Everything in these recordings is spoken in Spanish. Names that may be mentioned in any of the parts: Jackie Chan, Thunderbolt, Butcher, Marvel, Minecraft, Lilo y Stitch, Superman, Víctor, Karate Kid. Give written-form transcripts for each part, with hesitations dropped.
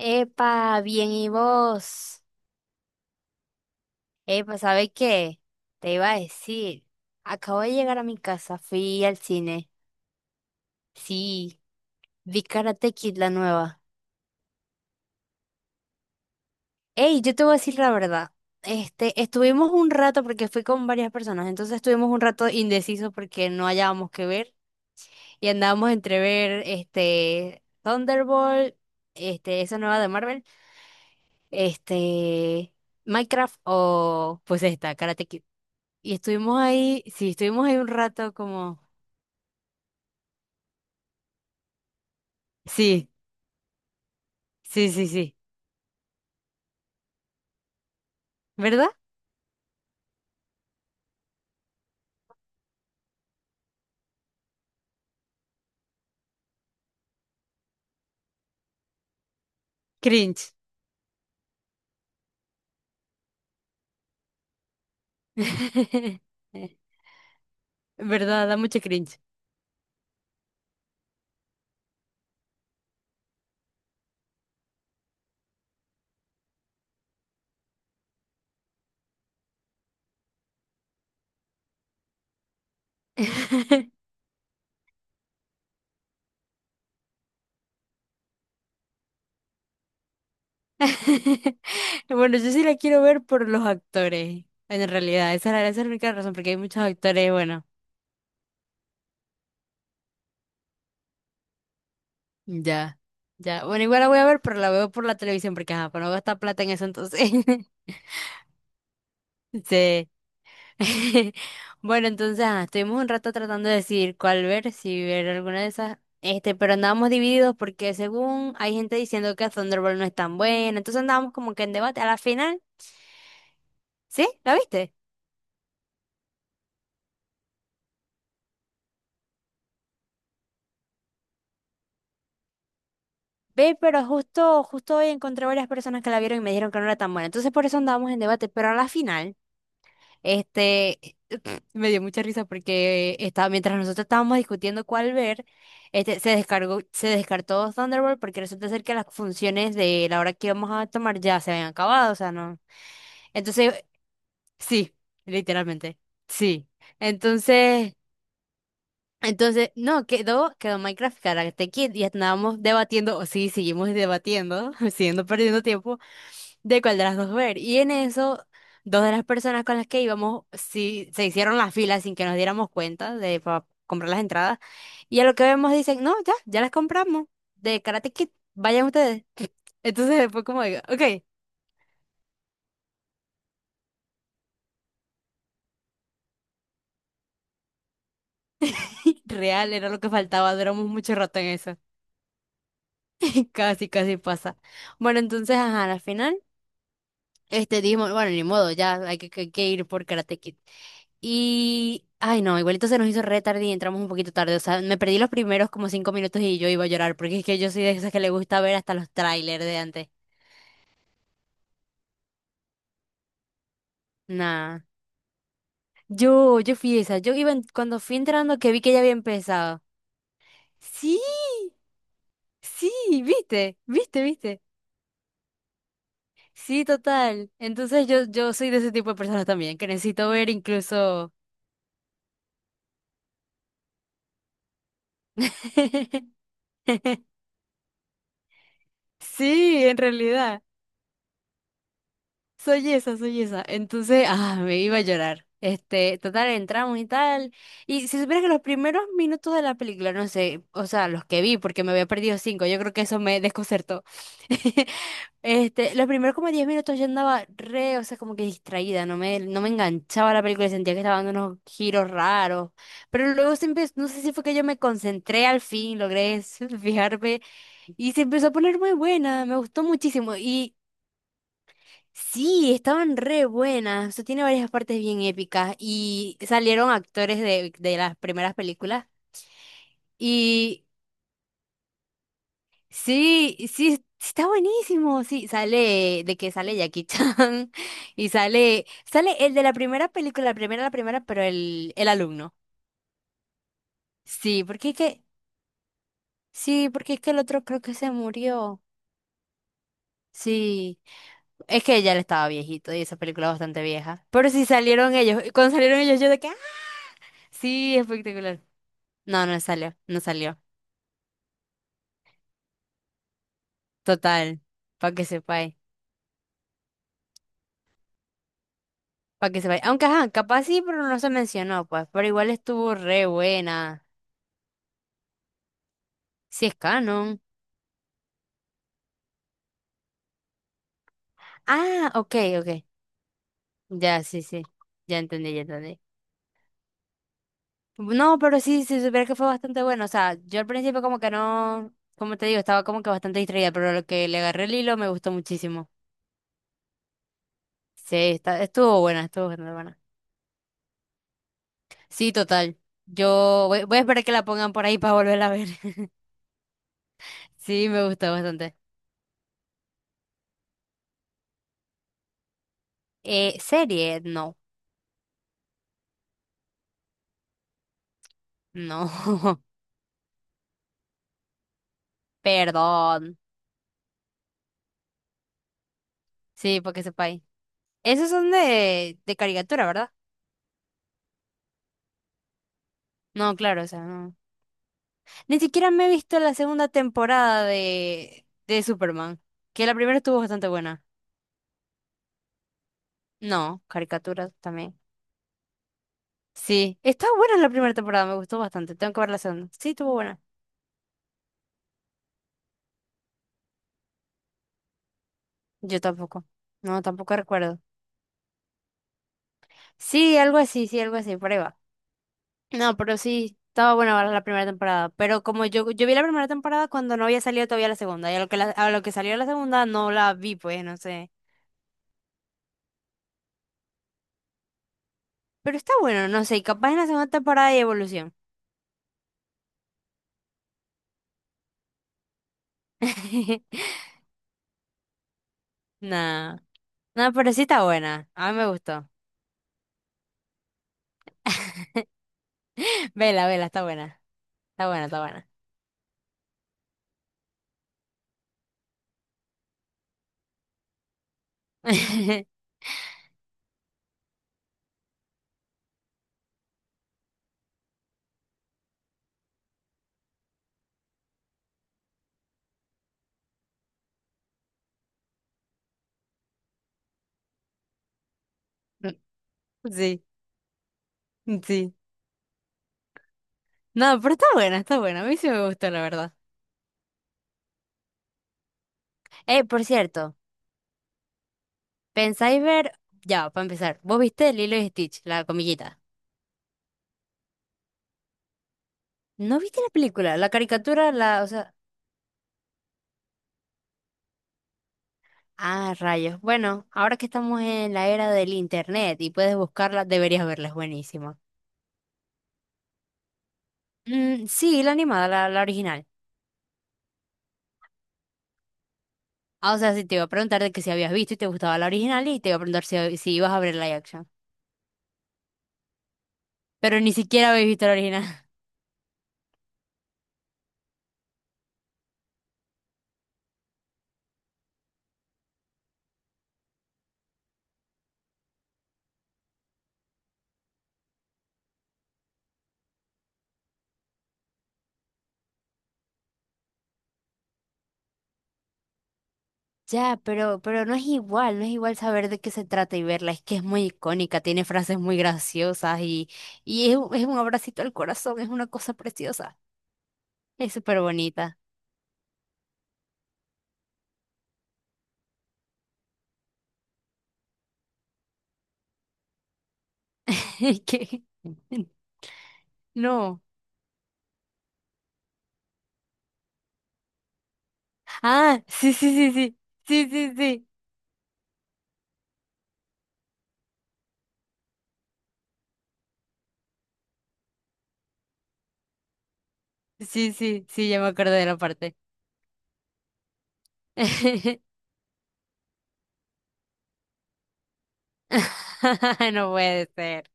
Epa, bien, ¿y vos? Epa, ¿sabes qué? Te iba a decir, acabo de llegar a mi casa, fui al cine. Sí, vi Karate Kid la nueva. Ey, yo te voy a decir la verdad. Estuvimos un rato porque fui con varias personas, entonces estuvimos un rato indecisos porque no hallábamos qué ver y andábamos entre ver este Thunderbolt, esa nueva de Marvel, este Minecraft o pues esta Karate Kid. Y estuvimos ahí, sí, estuvimos ahí un rato como, sí, sí, sí, sí, ¿verdad? Cringe. ¿Verdad? Da mucho cringe. Bueno, yo sí la quiero ver por los actores, en realidad, esa, esa es la única razón, porque hay muchos actores, bueno, ya, ya, bueno, igual la voy a ver, pero la veo por la televisión, porque ajá, para no gastar plata en eso entonces, sí, Bueno, entonces ajá, estuvimos un rato tratando de decidir cuál ver, si ver alguna de esas, pero andábamos divididos porque según hay gente diciendo que Thunderbolt no es tan buena, entonces andábamos como que en debate. A la final, ¿sí? ¿La viste? Ve, pero justo, justo hoy encontré varias personas que la vieron y me dijeron que no era tan buena. Entonces por eso andábamos en debate, pero a la final, este, me dio mucha risa porque estaba, mientras nosotros estábamos discutiendo cuál ver, se descartó Thunderbolt porque resulta ser que las funciones de la hora que íbamos a tomar ya se habían acabado, o sea, no. Entonces, sí, literalmente, sí. Entonces, entonces, no, quedó Minecraft Karate Kid y estábamos debatiendo, o sí, seguimos debatiendo, siguiendo perdiendo tiempo de cuál de las dos ver. Y en eso, dos de las personas con las que íbamos, sí, se hicieron la fila sin que nos diéramos cuenta de para comprar las entradas. Y a lo que vemos dicen, no, ya, ya las compramos. De Karate Kid, vayan ustedes. Entonces fue como, digo, ok, real, era lo que faltaba, duramos mucho rato en eso. Casi, casi pasa. Bueno, entonces, ajá, al final. Dijimos, bueno, ni modo, ya hay que ir por Karate Kid. Y, ay no, igualito se nos hizo re tarde y entramos un poquito tarde. O sea, me perdí los primeros como 5 minutos y yo iba a llorar, porque es que yo soy de esas que le gusta ver hasta los trailers de antes. Nah. Yo fui esa. Yo iba, cuando fui entrando que vi que ya había empezado. Sí, sí, viste, viste, viste. Sí, total. Entonces yo soy de ese tipo de personas también, que necesito ver incluso... Sí, en realidad. Soy esa, soy esa. Entonces, ah, me iba a llorar. Total, entramos y tal. Y si supieras que los primeros minutos de la película, no sé, o sea, los que vi, porque me había perdido 5, yo creo que eso me desconcertó. Los primeros como 10 minutos yo andaba re, o sea, como que distraída, no me enganchaba la película, sentía que estaba dando unos giros raros. Pero luego se empezó, no sé si fue que yo me concentré al fin, logré fijarme, y se empezó a poner muy buena, me gustó muchísimo. Y sí, estaban re buenas. O sea, tiene varias partes bien épicas. Y salieron actores de las primeras películas. Y sí, sí, sí está buenísimo. Sí, sale de que sale Jackie Chan. Y sale, sale el de la primera película, la primera, pero el alumno. Sí, porque es que, sí, porque es que el otro creo que se murió. Sí, es que ya le estaba viejito y esa película es bastante vieja. Pero sí salieron ellos. Y cuando salieron ellos, yo de que, ¡ah! Sí, espectacular. No, no salió, no salió. Total, para que sepáis, para que sepáis. Aunque, ajá, capaz sí, pero no se mencionó, pues. Pero igual estuvo re buena. Si es canon. Ah, ok, ok. Ya, sí, sí. Ya entendí, ya entendí. No, pero sí, sí, supiera que fue bastante bueno. O sea, yo al principio como que no, como te digo, estaba como que bastante distraída, pero lo que le agarré el hilo me gustó muchísimo. Sí, estuvo buena, estuvo bastante buena. Sí, total. Yo voy, voy a esperar que la pongan por ahí para volverla a ver. Sí, me gustó bastante. Serie, no, no, perdón. Sí, porque sepa ahí. Esos son de caricatura, ¿verdad? No, claro, o sea, no. Ni siquiera me he visto la segunda temporada de Superman, que la primera estuvo bastante buena. No, caricaturas también. Sí, estaba buena la primera temporada, me gustó bastante. Tengo que ver la segunda. Sí, estuvo buena. Yo tampoco. No, tampoco recuerdo. Sí, algo así, prueba. No, pero sí, estaba buena ver la primera temporada. Pero como yo vi la primera temporada cuando no había salido todavía la segunda. Y a lo que, a lo que salió la segunda no la vi, pues, no sé. Pero está bueno, no sé. Y capaz en la segunda temporada hay evolución. No, no, pero sí está buena. A mí me gustó. Vela, vela, está buena. Está buena, está buena. Sí, sí. No, pero está buena, está buena. A mí sí me gustó, la verdad. Por cierto, ¿pensáis ver? Ya, para empezar. ¿Vos viste Lilo y Stitch, la comillita? ¿No viste la película? La caricatura, la, o sea, ah, rayos. Bueno, ahora que estamos en la era del internet y puedes buscarla, deberías verla, es buenísima. Mm, sí, la animada, la original. Ah, o sea, sí te iba a preguntar de que si habías visto y te gustaba la original y te iba a preguntar si, si ibas a ver la action. Pero ni siquiera habéis visto la original. Ya, pero no es igual, no es igual saber de qué se trata y verla. Es que es muy icónica, tiene frases muy graciosas y es, es un abracito al corazón, es una cosa preciosa. Es súper bonita. Es que- No. Ah, sí, sí, sí, sí. Sí, sí, sí. Sí, sí, sí, ya me acuerdo de la parte. No puede ser.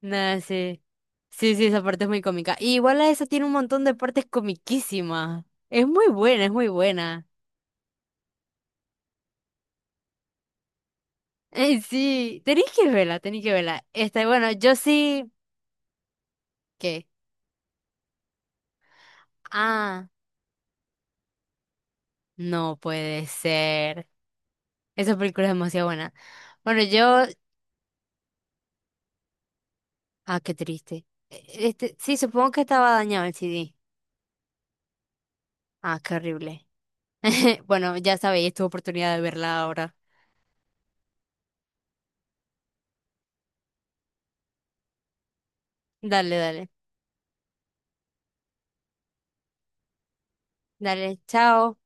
No, sí. Sí, sí, esa parte es muy cómica. Y igual a esa tiene un montón de partes comiquísimas. Es muy buena, es muy buena. Sí, tenéis que verla, tenéis que verla. Este, bueno, yo sí. ¿Qué? Ah, no puede ser. Esa película es demasiado buena. Bueno, yo. Ah, qué triste. Este, sí, supongo que estaba dañado el CD. Ah, qué horrible. Bueno, ya sabéis, tu oportunidad de verla ahora. Dale, dale. Dale, chao.